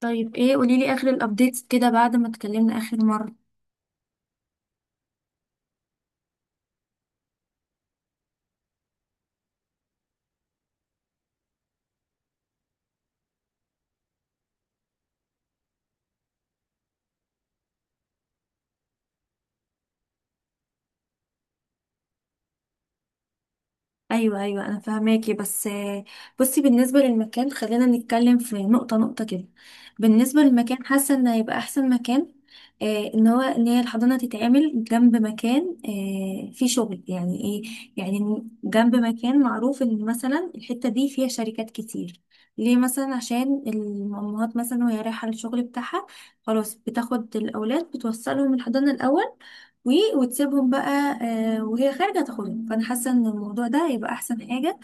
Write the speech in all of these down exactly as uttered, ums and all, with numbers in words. طيب، ايه؟ قوليلي اخر الابديتس كده بعد ما اتكلمنا اخر مرة. ايوه ايوه انا فاهماكي، بس آه، بصي، بالنسبة للمكان خلينا نتكلم في نقطة نقطة كده. بالنسبة للمكان، حاسة ان هيبقى احسن مكان آه ان هو ان هي الحضانة تتعمل جنب مكان آه فيه شغل، يعني ايه؟ يعني جنب مكان معروف ان مثلا الحتة دي فيها شركات كتير. ليه؟ مثلا عشان الامهات، مثلا وهي رايحة للشغل بتاعها، خلاص بتاخد الاولاد، بتوصلهم الحضانة الاول و- وتسيبهم بقى، آه، وهي خارجة تاخدهم. فأنا حاسة إن الموضوع ده هيبقى أحسن حاجة،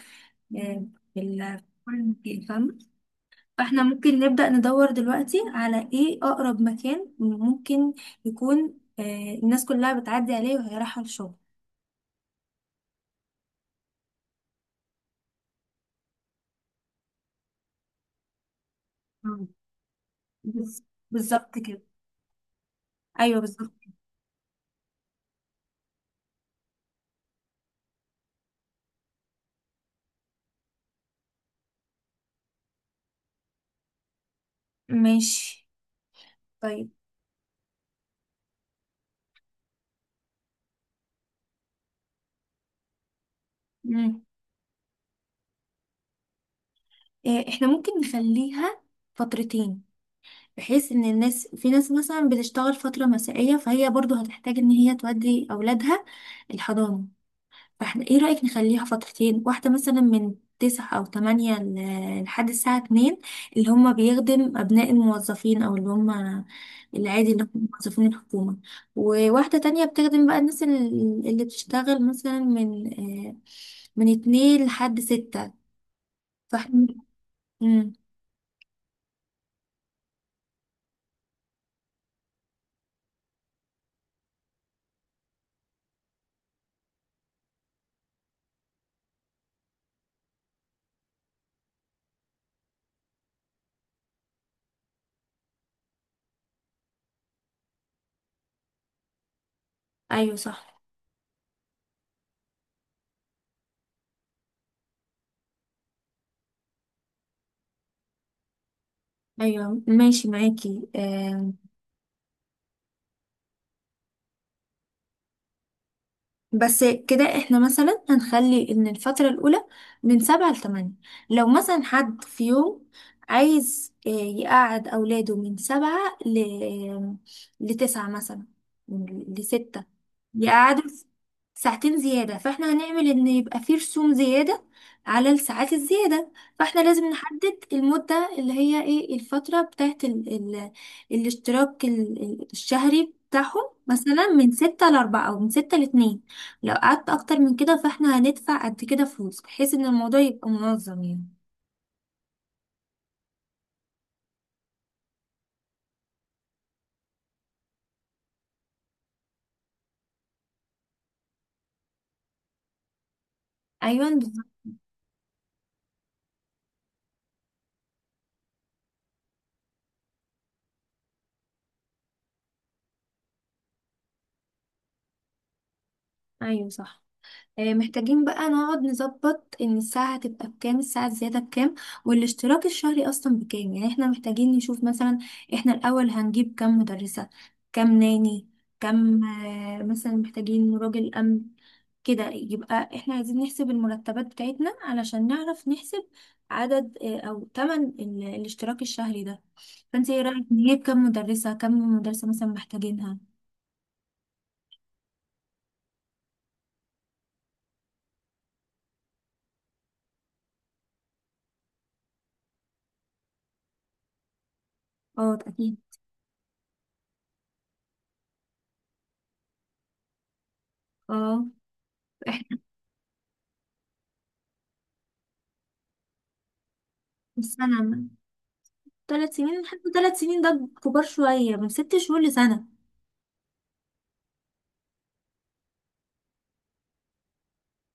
آه، في ال- في المكان، فاهمة. فاحنا ممكن نبدأ ندور دلوقتي على ايه أقرب مكان ممكن يكون آه، الناس كلها بتعدي عليه وهي رايحة الشغل. مم. بز- بالظبط كده. أيوه بالظبط. ماشي، طيب. مم. آه، احنا ممكن نخليها فترتين، بحيث ان الناس، في ناس مثلا بتشتغل فترة مسائية، فهي برضو هتحتاج ان هي تودي اولادها الحضانة. فاحنا ايه رأيك نخليها فترتين، واحدة مثلا من تسعة او تمانية ل- لحد الساعة اتنين، اللي هم بيخدم ابناء الموظفين او اللي هم العادي اللي هم موظفين الحكومة. وواحدة تانية بتخدم بقى الناس ال- اللي بتشتغل مثلا من آه، من اتنين لحد ستة. فاحنا مم. ايوه صح. ايوه ماشي معاكي. آم، بس كده احنا مثلا هنخلي ان الفترة الأولى من سبعة لتمانية. لو مثلا حد في يوم عايز آه، يقعد أولاده من سبعة ل... لتسعة مثلا، لستة، دي قعدة ساعتين زيادة، فاحنا هنعمل ان يبقى فيه رسوم زيادة على الساعات الزيادة. فاحنا لازم نحدد المدة اللي هي ايه الفترة بتاعت ال ال الاشتراك ال- ال- الشهري بتاعهم، مثلا من ستة لأربعة أو من ستة لاتنين. لو قعدت أكتر من كده، فاحنا هندفع قد كده فلوس، بحيث ان الموضوع يبقى منظم يعني. أيوة بالظبط. أيوة صح. آه، محتاجين بقى نقعد نظبط ان الساعة هتبقى بكام، الساعة الزيادة بكام، والاشتراك الشهري اصلا بكام. يعني احنا محتاجين نشوف مثلا احنا الاول هنجيب كام مدرسة، كام ناني، كام آه، مثلا محتاجين راجل امن. كده يبقى احنا عايزين نحسب المرتبات بتاعتنا علشان نعرف نحسب عدد آه، او تمن ال- الاشتراك الشهري ده. فانت ايه رأيك نجيب كام مدرسة؟ كام مدرسة مثلا محتاجينها؟ اه اكيد. اه احنا في السنة، ثلاث سنين، لحد ثلاث سنين ده كبار شوية، من ست شهور لسنة.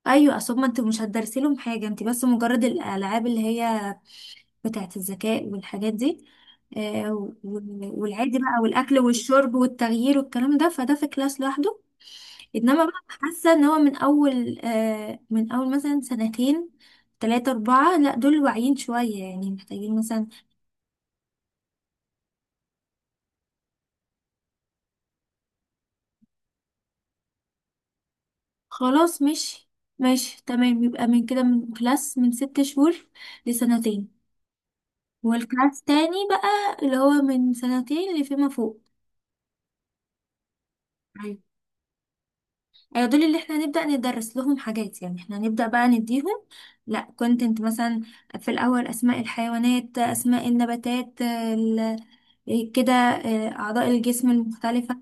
أيوة، أصل ما أنت مش هتدرسي لهم حاجة، أنت بس مجرد الألعاب اللي هي بتاعة الذكاء والحاجات دي، آه وال- والعادي بقى، والأكل والشرب والتغيير والكلام ده، فده في كلاس لوحده. إنما بقى حاسة إن هو من أول آه من أول مثلا سنتين تلاتة أربعة، لأ دول واعيين شوية، يعني محتاجين مثلا. خلاص ماشي. ماشي تمام، يبقى من كده من كلاس من ست شهور لسنتين، والكلاس تاني بقى اللي هو من سنتين اللي فيما فوق. أيوة. ايوه دول اللي احنا نبدأ ندرس لهم حاجات، يعني احنا نبدأ بقى نديهم لا كونتنت مثلا، في الأول أسماء الحيوانات، أسماء النباتات، ال- كده آه، أعضاء الجسم المختلفة،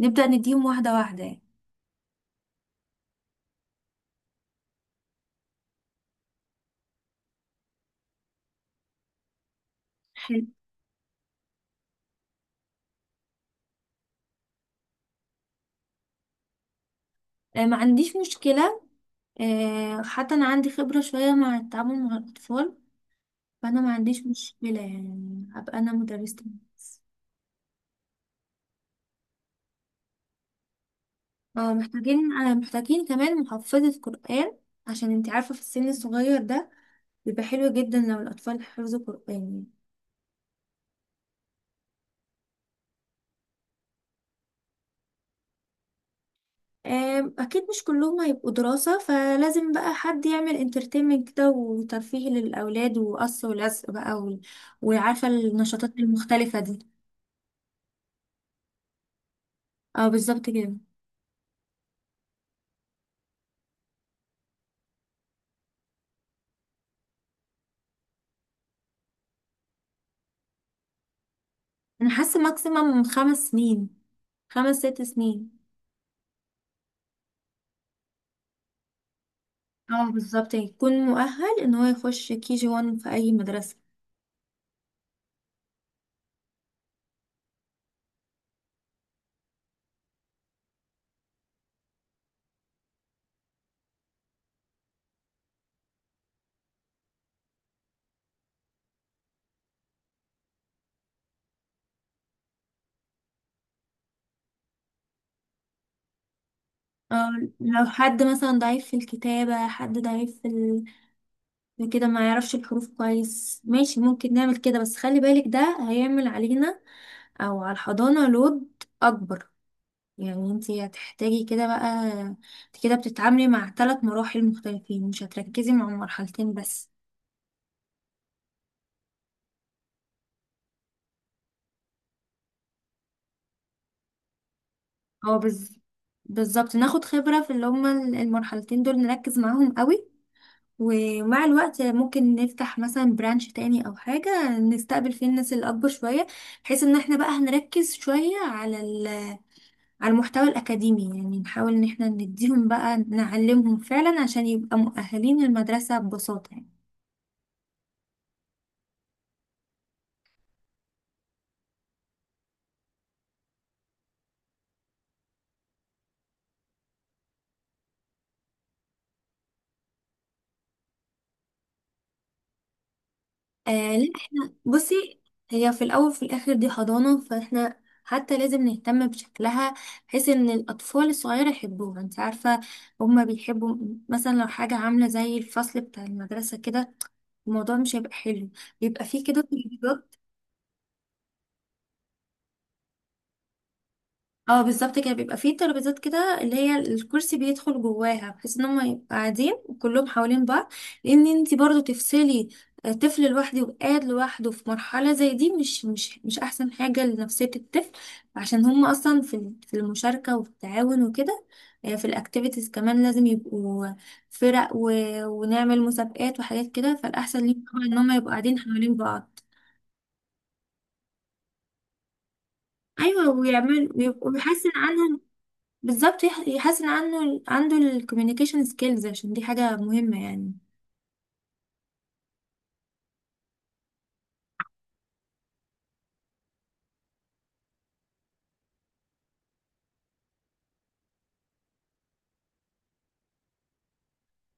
نبدأ نديهم واحدة واحدة يعني. حلو. آه، ما عنديش مشكلة، آه، حتى أنا عندي خبرة شوية مع التعامل مع الأطفال، فأنا ما عنديش مشكلة يعني أبقى أنا مدرسة. اه محتاجين آه محتاجين كمان محفظة قرآن، عشان انت عارفة في السن الصغير ده بيبقى حلو جدا لو الأطفال حفظوا قرآن يعني. آم، أكيد مش كلهم هيبقوا دراسة، فلازم بقى حد يعمل انترتينمنت كده وترفيه للأولاد، وقص ولزق بقى و... وعارفة النشاطات المختلفة دي. اه بالظبط كده. أنا حاسة ماكسيمم خمس سنين، خمس ست سنين. اه بالظبط، يعني يكون مؤهل ان هو يخش كي جي وان في اي مدرسة. اه، لو حد مثلا ضعيف في الكتابة، حد ضعيف في ال... في كده، ما يعرفش الحروف كويس، ماشي ممكن نعمل كده، بس خلي بالك ده هيعمل علينا او على الحضانة لود اكبر. يعني انتي هتحتاجي كده بقى، انت كده بتتعاملي مع ثلاث مراحل مختلفين، مش هتركزي مع مرحلتين بس. هو بز... بالظبط، ناخد خبرة في اللي هما المرحلتين دول، نركز معاهم قوي، ومع الوقت ممكن نفتح مثلا برانش تاني او حاجة نستقبل فيه الناس اللي اكبر شوية، بحيث ان احنا بقى هنركز شوية على ال- على المحتوى الاكاديمي، يعني نحاول ان احنا نديهم بقى، نعلمهم فعلا عشان يبقى مؤهلين للمدرسة ببساطة يعني. آه لا، احنا بصي، هي في الاول وفي الاخر دي حضانه، فاحنا حتى لازم نهتم بشكلها، بحيث ان الاطفال الصغيره يحبوها. انت عارفه هما بيحبوا، مثلا لو حاجه عامله زي الفصل بتاع المدرسه كده، الموضوع مش هيبقى حلو. بيبقى فيه كده تجربات. اه بالظبط كده، بيبقى فيه ترابيزات كده اللي هي الكرسي بيدخل جواها، بحيث ان هم يبقوا قاعدين وكلهم حوالين بعض، لان انت برضو تفصلي آه، طفل لوحده وقاعد لوحده في مرحلة زي دي، مش مش مش احسن حاجة لنفسية الطفل، عشان هم اصلا في ال- في المشاركة وفي التعاون وكده. آه، في الاكتيفيتيز كمان لازم يبقوا فرق و... ونعمل مسابقات وحاجات كده، فالاحسن ليهم طبعا ان هم يبقوا قاعدين حوالين بعض. ايوه ويعمل ويبقوا بيحسن عنهم. بالظبط، يح- يحسن عنه عنده الكوميونيكيشن سكيلز، عشان دي حاجة مهمة يعني.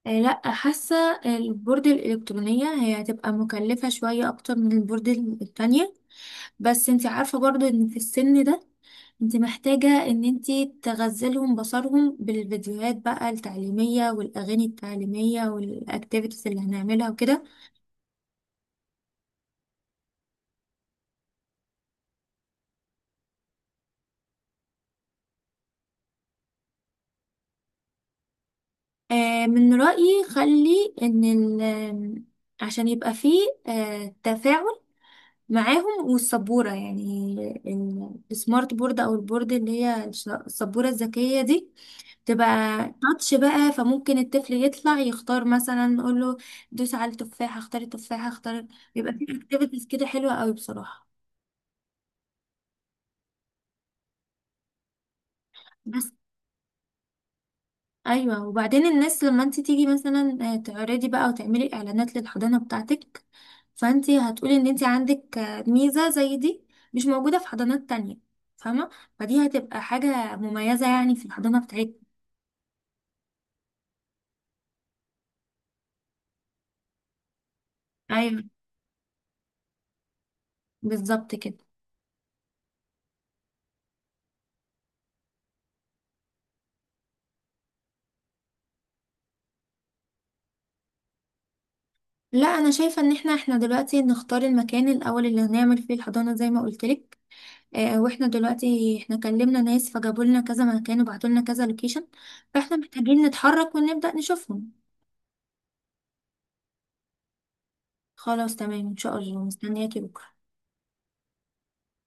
آه، لا حاسة البورد الإلكترونية هي هتبقى مكلفة شوية أكتر من البورد التانية، بس انتي عارفة برضو ان في السن ده انت محتاجة ان انت تغزلهم بصرهم بالفيديوهات بقى التعليمية والاغاني التعليمية والاكتيفيتيز اللي هنعملها وكده. آه من رأيي، خلي ان ال آم، عشان يبقى فيه آه تفاعل معاهم، والسبورة يعني ال- السمارت بورد، أو البورد اللي هي الش- السبورة الذكية دي، تبقى تاتش بقى، فممكن الطفل يطلع يختار، مثلا نقول له دوس على التفاحة، اختار التفاحة، اختار. يبقى في اكتيفيتيز كده حلوة قوي بصراحة. بس ايوه، وبعدين الناس لما انت تيجي مثلا آه، تعرضي بقى وتعملي اعلانات للحضانه بتاعتك، فانت هتقولي ان انت عندك آه، ميزه زي دي مش موجوده في حضانات تانية، فاهمه. فدي هتبقى حاجه مميزه يعني في الحضانه بتاعتنا. ايوه بالظبط كده. لا انا شايفه ان احنا احنا دلوقتي نختار المكان الاول اللي هنعمل فيه الحضانه زي ما قلت لك. آه، واحنا دلوقتي احنا كلمنا ناس فجابوا لنا كذا مكان وبعتوا لنا كذا لوكيشن، فاحنا محتاجين نتحرك ونبدا نشوفهم. خلاص تمام، ان شاء الله مستنياكي بكره.